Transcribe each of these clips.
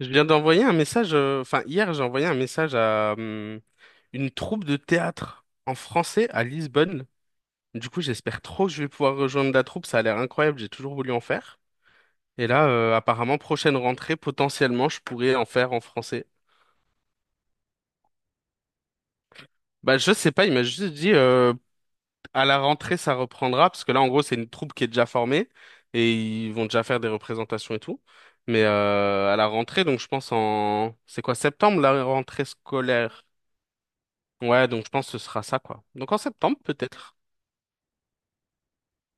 Je viens d'envoyer un message, enfin hier j'ai envoyé un message à une troupe de théâtre en français à Lisbonne. Du coup j'espère trop que je vais pouvoir rejoindre la troupe, ça a l'air incroyable, j'ai toujours voulu en faire. Et là apparemment prochaine rentrée potentiellement je pourrais en faire en français. Bah je sais pas, il m'a juste dit à la rentrée ça reprendra parce que là en gros c'est une troupe qui est déjà formée et ils vont déjà faire des représentations et tout. Mais à la rentrée donc je pense en c'est quoi septembre la rentrée scolaire? Ouais, donc je pense que ce sera ça, quoi. Donc en septembre, peut-être.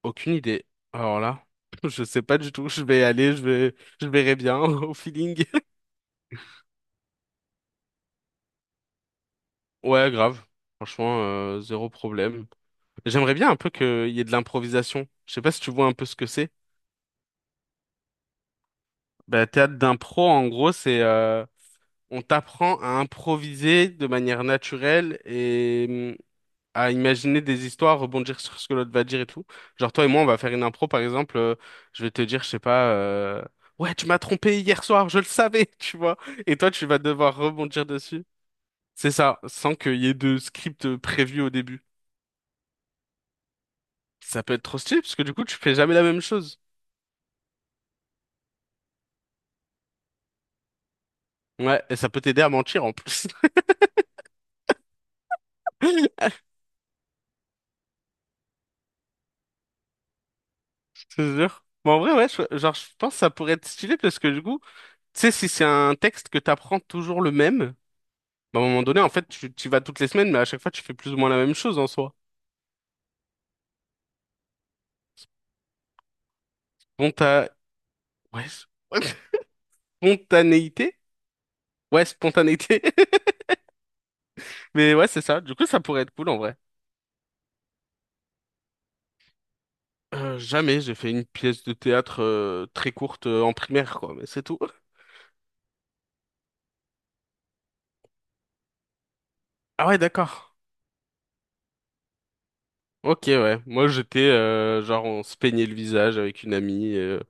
Aucune idée. Alors là, je sais pas du tout. Je vais aller, je vais, Je verrai bien au feeling. Ouais, grave. Franchement, zéro problème. J'aimerais bien un peu qu'il y ait de l'improvisation. Je sais pas si tu vois un peu ce que c'est. Bah, théâtre d'impro, en gros, c'est on t'apprend à improviser de manière naturelle et hum, à imaginer des histoires, rebondir sur ce que l'autre va dire et tout. Genre toi et moi, on va faire une impro, par exemple, je vais te dire, je sais pas, ouais, tu m'as trompé hier soir, je le savais, tu vois. Et toi, tu vas devoir rebondir dessus. C'est ça, sans qu'il y ait de script prévu au début. Ça peut être trop stylé, parce que du coup, tu fais jamais la même chose. Ouais, et ça peut t'aider à mentir en plus. Je te jure. Mais en vrai, ouais, genre, je pense que ça pourrait être stylé parce que du coup, tu sais, si c'est un texte que t'apprends toujours le même. Bah, à un moment donné, en fait, tu y vas toutes les semaines, mais à chaque fois, tu fais plus ou moins la même chose en soi. Sponta... Ouais, spontanéité? Ouais, spontanéité. Mais ouais, c'est ça. Du coup, ça pourrait être cool en vrai. Jamais j'ai fait une pièce de théâtre très courte en primaire, quoi, mais c'est tout. Ah ouais, d'accord. Ok, ouais. Moi, j'étais genre on se peignait le visage avec une amie.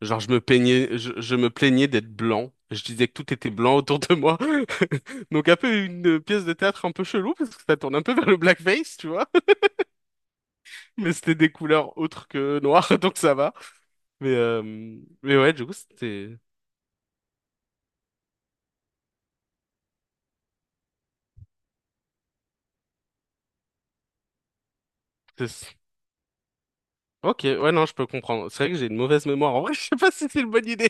Genre je me peignais, je me plaignais d'être blanc. Je disais que tout était blanc autour de moi. Donc un peu une pièce de théâtre un peu chelou parce que ça tourne un peu vers le blackface, tu vois. Mais c'était des couleurs autres que noires, donc ça va. Mais euh, mais ouais, du coup c'était. c'est- Ok, ouais, non, je peux comprendre. C'est vrai que j'ai une mauvaise mémoire. En vrai, je sais pas si c'est une bonne idée.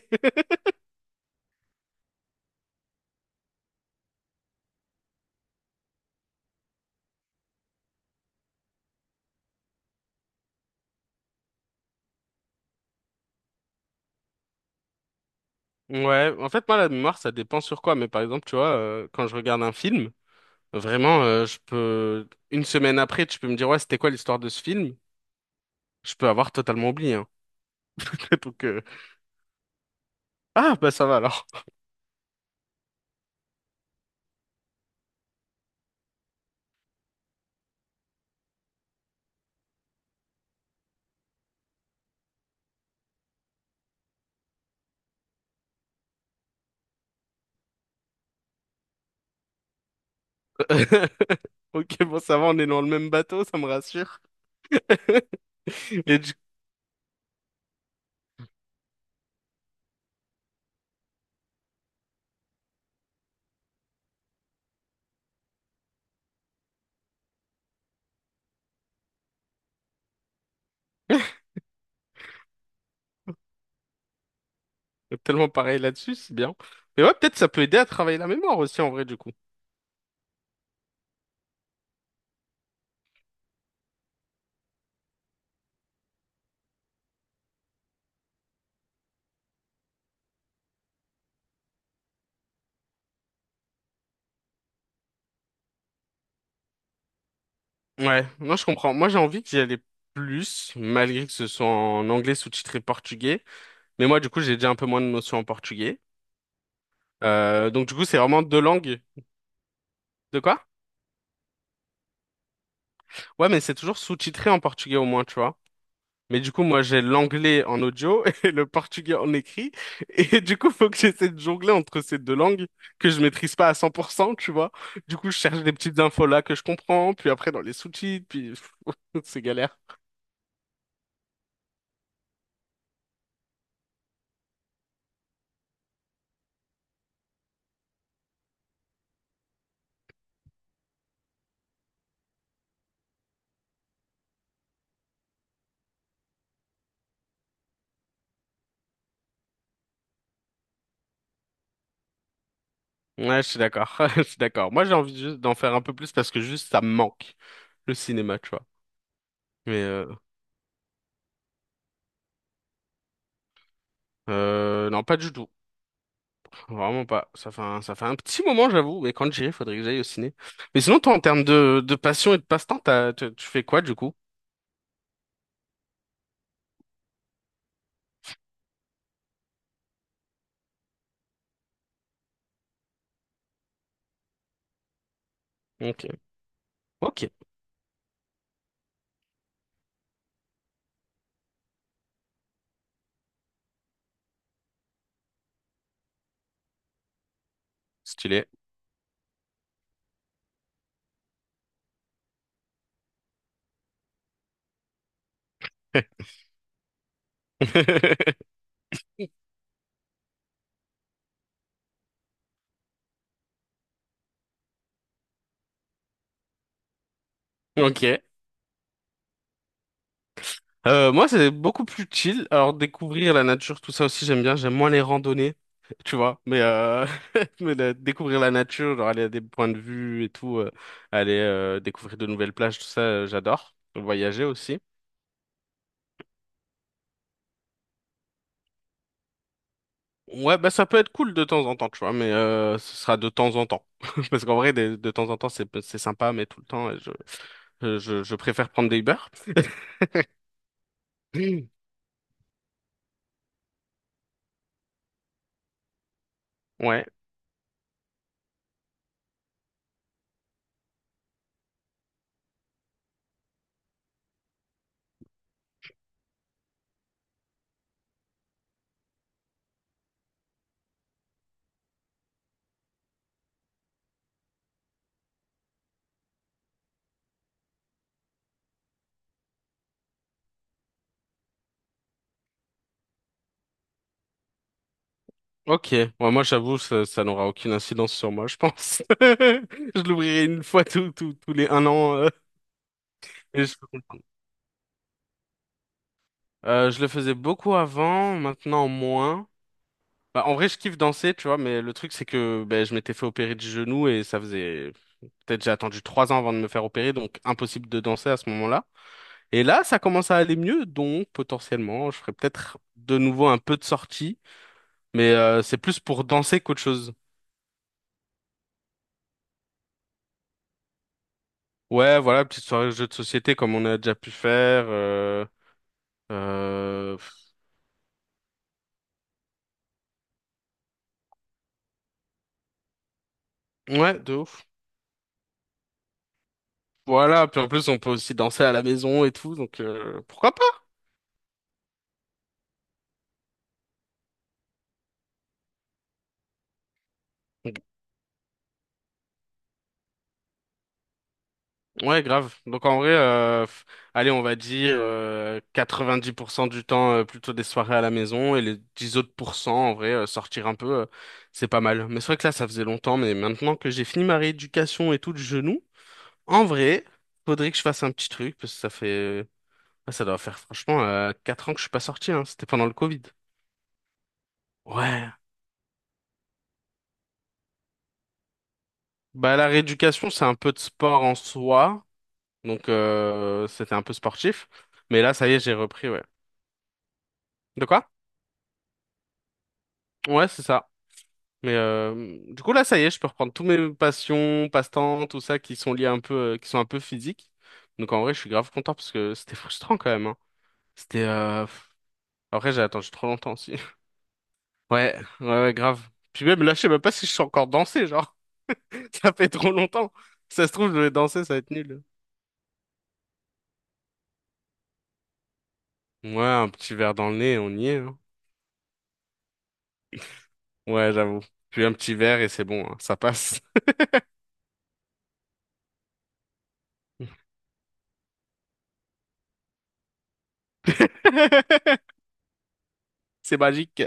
Ouais, en fait, moi, la mémoire, ça dépend sur quoi. Mais par exemple, tu vois, quand je regarde un film. Vraiment, je peux une semaine après, tu peux me dire ouais, c'était quoi l'histoire de ce film? Je peux avoir totalement oublié, hein. Donc ah bah ça va alors. Ok, bon ça va, on est dans le même bateau, ça me rassure. Et du tellement pareil là-dessus, c'est bien. Mais ouais, peut-être ça peut aider à travailler la mémoire aussi en vrai du coup. Ouais, non, je comprends. Moi, j'ai envie d'y aller plus, malgré que ce soit en anglais sous-titré portugais. Mais moi, du coup, j'ai déjà un peu moins de notions en portugais. Donc du coup, c'est vraiment deux langues. De quoi? Ouais, mais c'est toujours sous-titré en portugais au moins, tu vois. Mais du coup, moi, j'ai l'anglais en audio et le portugais en écrit. Et du coup, faut que j'essaie de jongler entre ces deux langues que je maîtrise pas à 100%, tu vois. Du coup, je cherche des petites infos là que je comprends, puis après dans les sous-titres, puis c'est galère. Ouais, je suis d'accord. Je suis d'accord. Moi, j'ai envie juste d'en faire un peu plus parce que juste ça me manque, le cinéma, tu vois. Mais euh, non, pas du tout. Vraiment pas. Ça fait un petit moment, j'avoue. Et quand j'irai, faudrait que j'aille au ciné. Mais sinon, toi, en termes de passion et de passe-temps, tu fais quoi, du coup? Ok. Ok. Stylé. Ok. Moi, c'est beaucoup plus chill. Alors, découvrir la nature, tout ça aussi, j'aime bien. J'aime moins les randonnées, tu vois. Mais, découvrir la nature, genre aller à des points de vue et tout, aller découvrir de nouvelles plages, tout ça, j'adore. Voyager aussi. Ouais, bah ça peut être cool de temps en temps, tu vois, mais ce sera de temps en temps. Parce qu'en vrai, de temps en temps, c'est sympa, mais tout le temps, je préfère prendre des Uber. Mm. Ouais, ok. Ouais, moi, j'avoue, ça n'aura aucune incidence sur moi, je pense. Je l'ouvrirai une fois tous les un an. Et je le faisais beaucoup avant, maintenant moins. Bah, en vrai, je kiffe danser, tu vois, mais le truc, c'est que ben je m'étais fait opérer du genou et ça faisait... Peut-être j'ai attendu 3 ans avant de me faire opérer, donc impossible de danser à ce moment-là. Et là, ça commence à aller mieux, donc potentiellement, je ferai peut-être de nouveau un peu de sortie, mais c'est plus pour danser qu'autre chose. Ouais, voilà, petite soirée de jeux de société comme on a déjà pu faire. Euh, ouais, de ouf. Voilà, puis en plus, on peut aussi danser à la maison et tout, donc pourquoi pas? Ouais, grave. Donc en vrai, allez, on va dire 90% du temps plutôt des soirées à la maison et les 10 autres pourcents, en vrai, sortir un peu, c'est pas mal. Mais c'est vrai que là, ça faisait longtemps, mais maintenant que j'ai fini ma rééducation et tout de genou, en vrai, faudrait que je fasse un petit truc parce que ça fait, ah, ça doit faire franchement 4 ans que je suis pas sorti, hein. C'était pendant le Covid. Ouais. Bah la rééducation, c'est un peu de sport en soi, donc c'était un peu sportif. Mais là, ça y est, j'ai repris, ouais. De quoi? Ouais, c'est ça. Du coup là ça y est, je peux reprendre tous mes passions, passe-temps, tout ça qui sont liés un peu, qui sont un peu physiques. Donc en vrai je suis grave content parce que c'était frustrant quand même, hein. C'était pff. Après j'ai attendu trop longtemps aussi. Ouais, ouais, ouais, grave. Puis même là je sais même pas si je suis encore dansé, genre ça fait trop longtemps. Si ça se trouve je vais danser, ça va être nul. Ouais, un petit verre dans le nez, on y est, hein. Ouais, j'avoue. Puis un petit verre et c'est bon, hein, ça passe. C'est magique.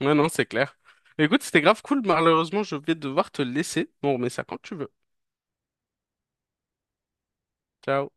Ouais, non, c'est clair. Écoute, c'était grave cool. Malheureusement, je vais devoir te laisser. Bon, mais ça quand tu veux. Ciao.